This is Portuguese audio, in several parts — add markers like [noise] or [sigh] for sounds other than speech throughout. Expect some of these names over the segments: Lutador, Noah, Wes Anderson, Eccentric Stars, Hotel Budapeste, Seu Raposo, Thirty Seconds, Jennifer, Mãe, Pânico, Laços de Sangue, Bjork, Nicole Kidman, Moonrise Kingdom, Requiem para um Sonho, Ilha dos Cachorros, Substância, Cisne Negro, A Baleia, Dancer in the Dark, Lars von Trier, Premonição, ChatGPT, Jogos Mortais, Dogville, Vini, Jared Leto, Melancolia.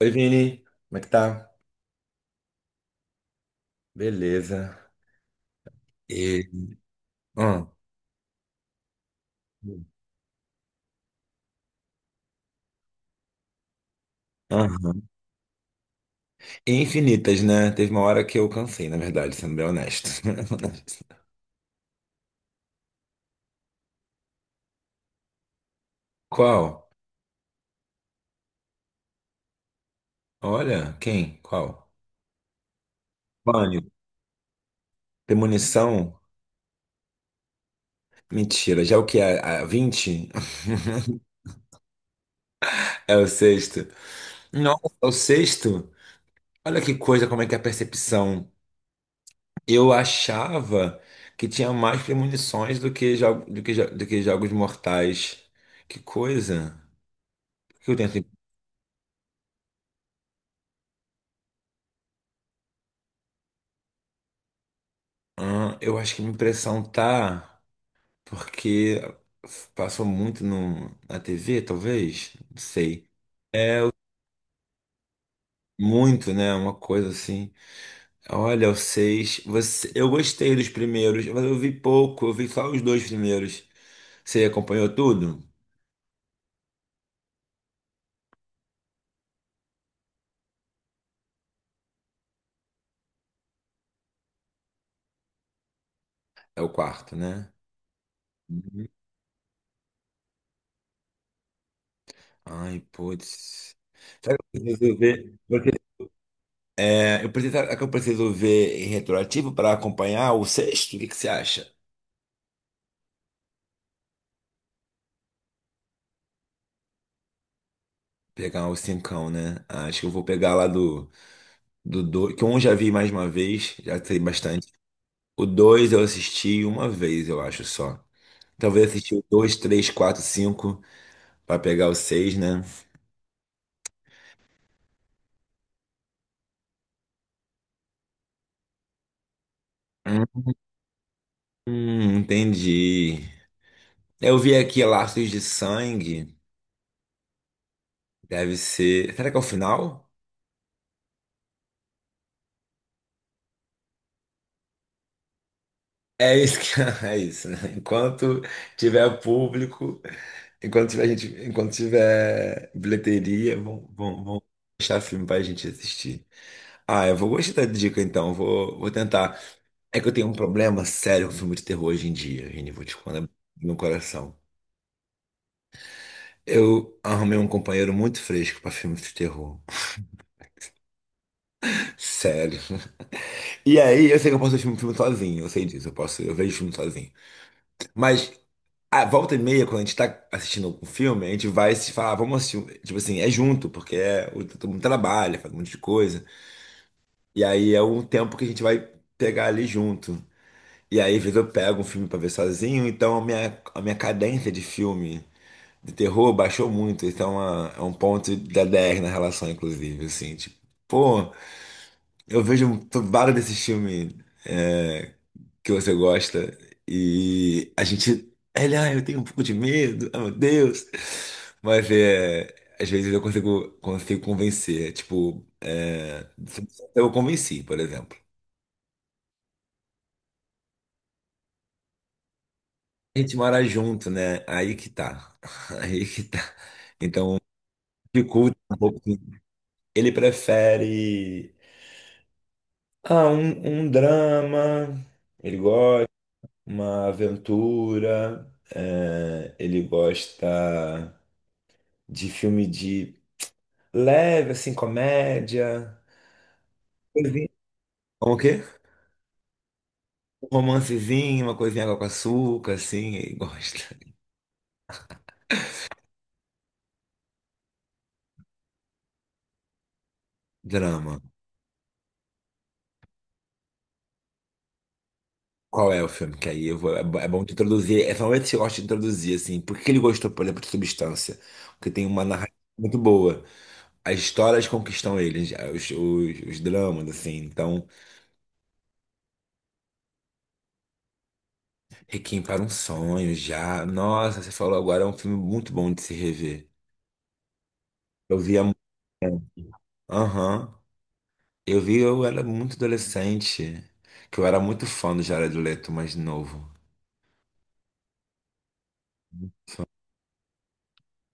Oi, Vini. Como é que tá? Beleza. E... Ah, aham. Infinitas, né? Teve uma hora que eu cansei, na verdade, sendo bem honesto. [laughs] Qual? Olha, quem? Qual? Pânico. Premonição? Mentira. Já é o que é? A 20 [laughs] é o sexto. Nossa, é o sexto? Olha que coisa, como é que é a percepção. Eu achava que tinha mais premonições do que, do que jogos mortais. Que coisa. Por que eu tenho essa... Ah, eu acho que minha impressão tá porque passou muito na TV, talvez, não sei. Muito, né? Uma coisa assim. Olha, o seis. Você, eu gostei dos primeiros, mas eu vi pouco, eu vi só os dois primeiros. Você acompanhou tudo? É o quarto, né? Uhum. Ai, putz. Sabe o que eu preciso ver? Eu preciso, é que eu preciso ver em retroativo para acompanhar o sexto? O que que você acha? Pegar o cincão, né? Acho que eu vou pegar lá do dois, que um eu já vi mais uma vez, já sei bastante. O dois eu assisti uma vez, eu acho só. Talvez assisti o dois, três, quatro, cinco pra pegar o seis, né? Entendi. Eu vi aqui Laços de Sangue, deve ser. Será que é o final? É isso que [laughs] é isso, né? Enquanto tiver público, enquanto tiver gente, enquanto tiver bilheteria, vão, vão, vão deixar filme pra gente assistir. Ah, eu vou gostar da dica então, vou, vou tentar. É que eu tenho um problema sério com filme de terror hoje em dia, Vini, vou te contar do meu coração. Eu arrumei um companheiro muito fresco pra filme de terror. [laughs] Sério. E aí, eu sei que eu posso assistir um filme sozinho, eu sei disso, eu posso, eu vejo filme sozinho. Mas a volta e meia, quando a gente tá assistindo um filme, a gente vai se falar, "Ah, vamos assistir. Tipo assim, é junto, todo mundo trabalha, faz um monte de coisa. E aí é um tempo que a gente vai pegar ali junto. E aí, às vezes eu pego um filme pra ver sozinho, então a minha cadência de filme de terror baixou muito. É um ponto da 10 na relação, inclusive, assim, tipo, pô, vários desses filmes é, que você gosta e a gente, ele, ah, eu tenho um pouco de medo, ah, meu Deus. Mas é, Às vezes eu consigo convencer, tipo, eu convenci, por exemplo. A gente mora junto, né? Aí que tá. [laughs] Aí que tá. Então, dificulta um pouco, assim. Ele prefere um drama, ele gosta, uma aventura, ele gosta de filme de leve, assim, comédia. Coisinha. Como o quê? Um romancezinho, uma coisinha água com açúcar, assim, ele gosta. Drama. Qual é o filme? Que aí eu vou, é bo- É bom te introduzir. É realmente que eu gosto de introduzir, assim. Por que que ele gostou, por exemplo, de Substância? Porque tem uma narrativa muito boa. As histórias conquistam ele, já, os dramas, assim. Então, Requiem para um Sonho, já. Nossa, você falou agora, é um filme muito bom de se rever. Eu via muito. Aham. Eu vi, eu era muito adolescente. Que eu era muito fã do Jared Leto, mais novo.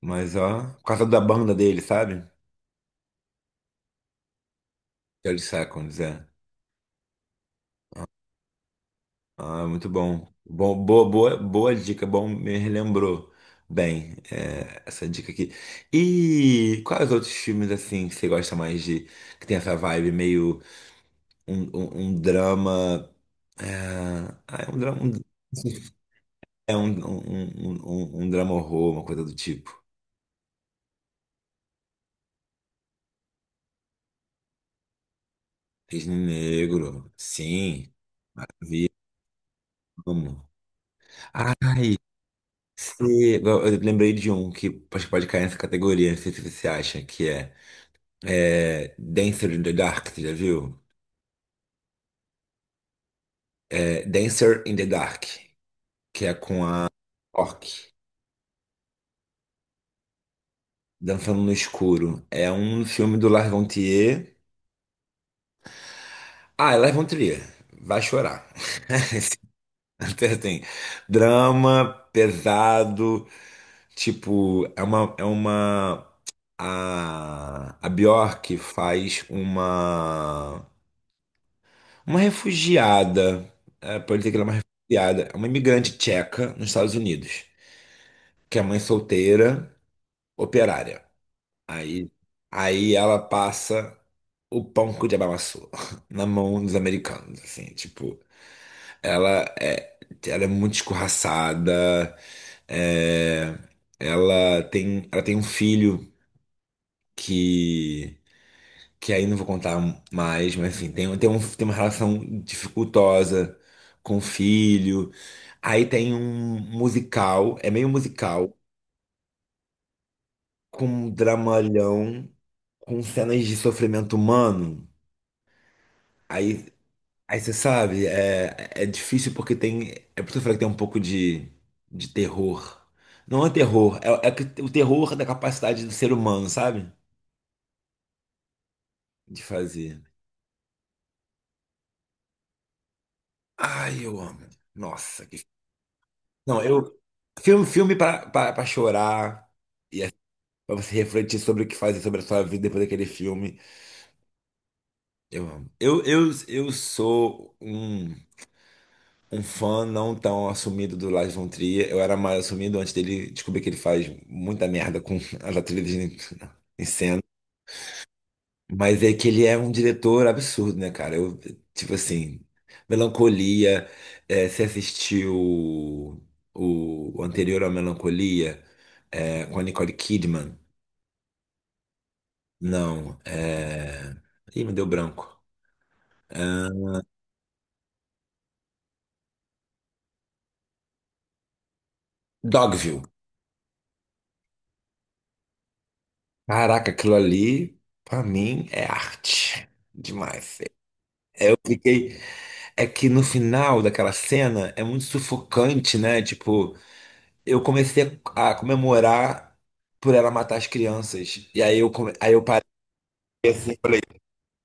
Mas, ó, por causa da banda dele, sabe? Thirty Seconds, é. Ah, muito bom. Bom, boa dica, bom, me relembrou bem essa dica aqui. E quais outros filmes assim que você gosta mais de que tem essa vibe meio um drama? É, ah, é um drama, um- é um, um, um, um- um drama horror, uma coisa do tipo. Cisne Negro, sim, vi, amo. Ai, se, Eu lembrei de um que acho que pode cair nessa categoria, não sei se você acha que é. É, Dancer in the Dark, você já viu? É, Dancer in the Dark, que é com a Orc, Dançando no Escuro. É um filme do Lars von Trier. Ah, é Lars von Trier. Vai chorar. [laughs] Até tem drama pesado, tipo, a Bjork faz uma refugiada, pode dizer que ela é uma refugiada, é uma imigrante tcheca nos Estados Unidos, que é mãe solteira operária. Aí, Aí ela passa o pão com Diabamaçu [laughs] na mão dos americanos, assim, tipo, ela é, ela é muito escorraçada, é, ela tem um filho que, que aí não vou contar mais, mas enfim, tem uma relação dificultosa com o filho. Aí tem um musical, é meio musical, com um dramalhão com cenas de sofrimento humano, aí, aí você sabe, é difícil porque tem. É por isso que eu falei que tem um pouco de terror. Não é terror, o terror é da capacidade do ser humano, sabe? De fazer. Ai, eu amo. Nossa, que. Não, eu. Filme, filme pra chorar. E é pra você refletir sobre o que fazer sobre a sua vida depois daquele filme. Eu amo. Eu sou um um fã não tão assumido do Lars von Trier. Eu era mais assumido antes dele descobrir que ele faz muita merda com [laughs] as atrizes em em cena. Mas é que ele é um diretor absurdo, né, cara? Tipo assim, Melancolia, você assistiu o anterior ao Melancolia, com a Nicole Kidman? Não, é... Ih, me deu branco. É, Dogville. Caraca, aquilo ali, pra mim, é arte. Demais. É, eu fiquei. É que no final daquela cena é muito sufocante, né? Tipo, eu comecei a comemorar por ela matar as crianças. Aí eu parei assim e falei: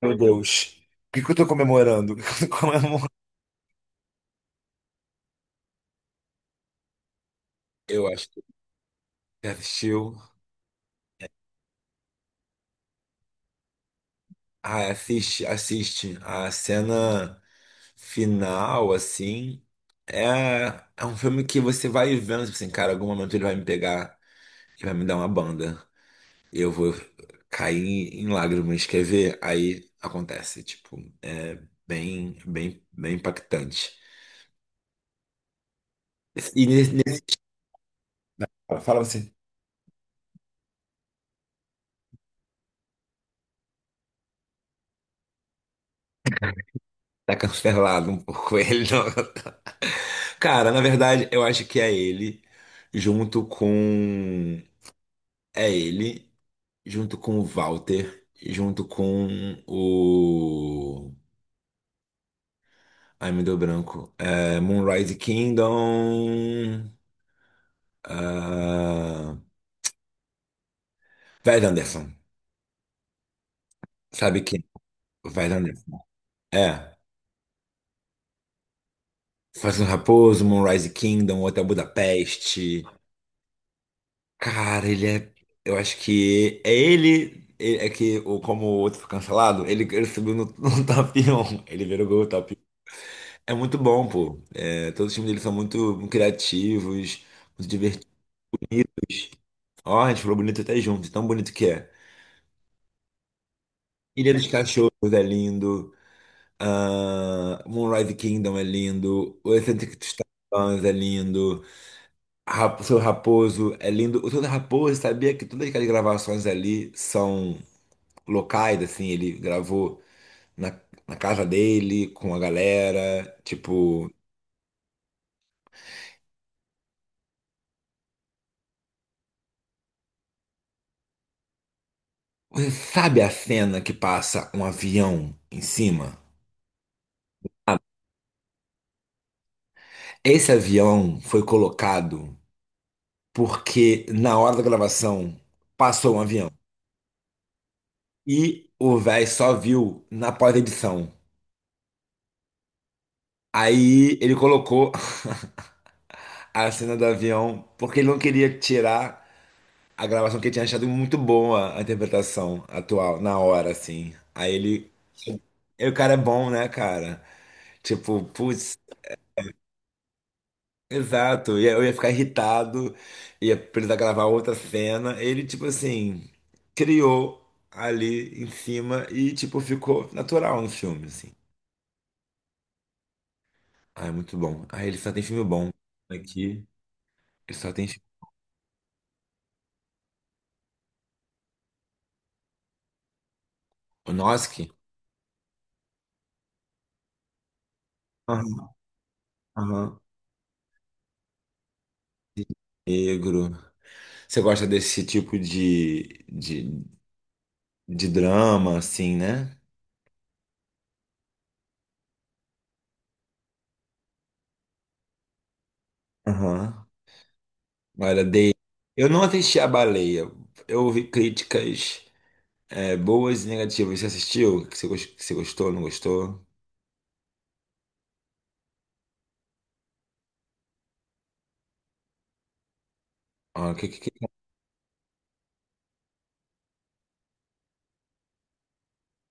Meu Deus, o que que eu tô comemorando? [laughs] O que que eu tô comemorando? Eu acho que você assistiu. Ah, assiste, assiste. A cena final, assim. É, é um filme que você vai vendo, tipo assim, cara, em algum momento ele vai me pegar e vai me dar uma banda. Eu vou cair em lágrimas, quer ver? Aí acontece, tipo, é bem impactante. E nesse, nesse- Fala você, tá cancelado um pouco [laughs] ele, não. Cara, na verdade, eu acho que é ele, junto com. É ele, junto com o Walter, junto com o. Ai, me deu branco. É, Moonrise Kingdom. ah, Wes Anderson. Sabe... Vai dar nessa. É. Faz um Raposo, Moonrise Kingdom, Hotel Budapeste. Cara, ele é. Eu acho que é ele. É que o... como o outro foi cancelado, ele subiu no [laughs] top 1. Ele virou gol top 1. É muito bom, pô. É, todos os times dele são muito criativos, muito divertidos. Ó, a gente falou bonito até junto, tão bonito que é. Ilha dos Cachorros é lindo. Moonrise Kingdom é lindo. O Eccentric Stars é lindo. O seu Raposo é lindo. O seu Raposo sabia que todas aquelas gravações ali são locais, assim, ele gravou na, na casa dele, com a galera. Tipo, você sabe a cena que passa um avião em cima? Esse avião foi colocado porque na hora da gravação passou um avião. E o véi só viu na pós-edição. Aí ele colocou [laughs] a cena do avião porque ele não queria tirar a gravação que ele tinha achado muito boa a interpretação atual, na hora, assim. Aí ele... E o cara é bom, né, cara? Tipo, putz, exato. E aí eu ia ficar irritado, ia precisar gravar outra cena. Ele, tipo assim, criou ali em cima e, tipo, ficou natural no filme, assim. Ah, é muito bom. Ah, ele só tem filme bom. Aqui, ele só tem filme. O Noski? Aham, aham. Negro. Você gosta desse tipo de drama, assim, né? Aham. Olha, dei. Eu não assisti A Baleia. Eu ouvi críticas boas e negativas. Você assistiu? Que você gostou, não gostou? Ah,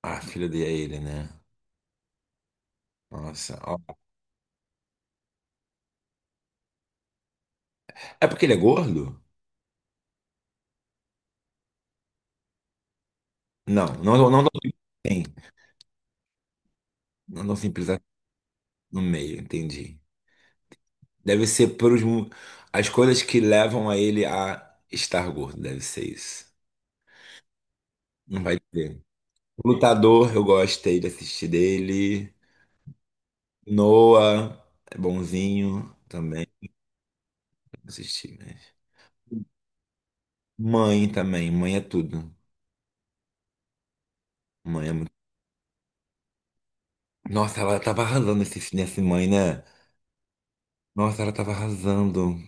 ah, filho dele é ele, né? Nossa. Ó. É porque ele é gordo? Não tem. Não, não simples é no meio, entendi. Deve ser por os, as coisas que levam a ele a estar gordo, deve ser isso. Não vai ter... Lutador, eu gostei de assistir dele. Noah é bonzinho também. Assisti, mas. Mãe também, mãe é tudo. Mãe é muito. Nossa, ela tava arrasando nesse mãe, né? Nossa, ela tava arrasando.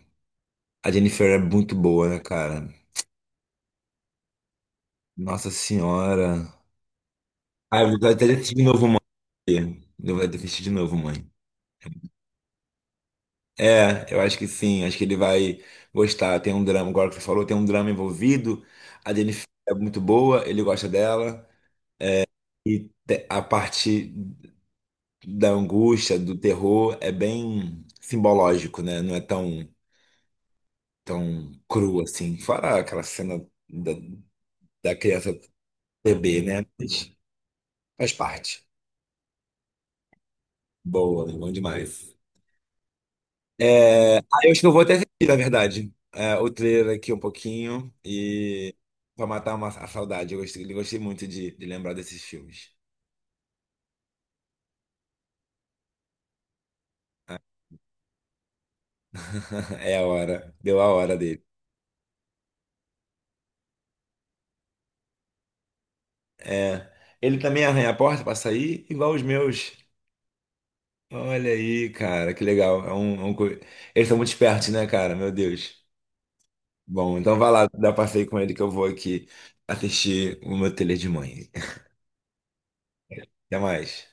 A Jennifer é muito boa, né, cara? Nossa senhora. Ah, eu vou até assistir de novo, mãe. Eu vou até assistir de novo, mãe. É, eu acho que sim, acho que ele vai gostar. Tem um drama, agora que você falou, tem um drama envolvido. A Jennifer é muito boa, ele gosta dela. A parte da angústia, do terror, é bem simbológico, né? Não é tão cru assim. Fora aquela cena da, da criança bebê, né? Mas faz parte. Boa, bom demais. É, ah, eu acho que eu vou até assistir, na verdade, o trailer aqui um pouquinho e pra matar a saudade. Eu gostei, gostei muito de lembrar desses filmes. [laughs] É a hora, deu a hora dele. É, ele também arranha a porta pra sair, igual os meus. Olha aí, cara, que legal. Eles são muito espertos, né, cara? Meu Deus. Bom, então vai lá, dá passeio com ele que eu vou aqui assistir o meu telê de mãe. Até mais.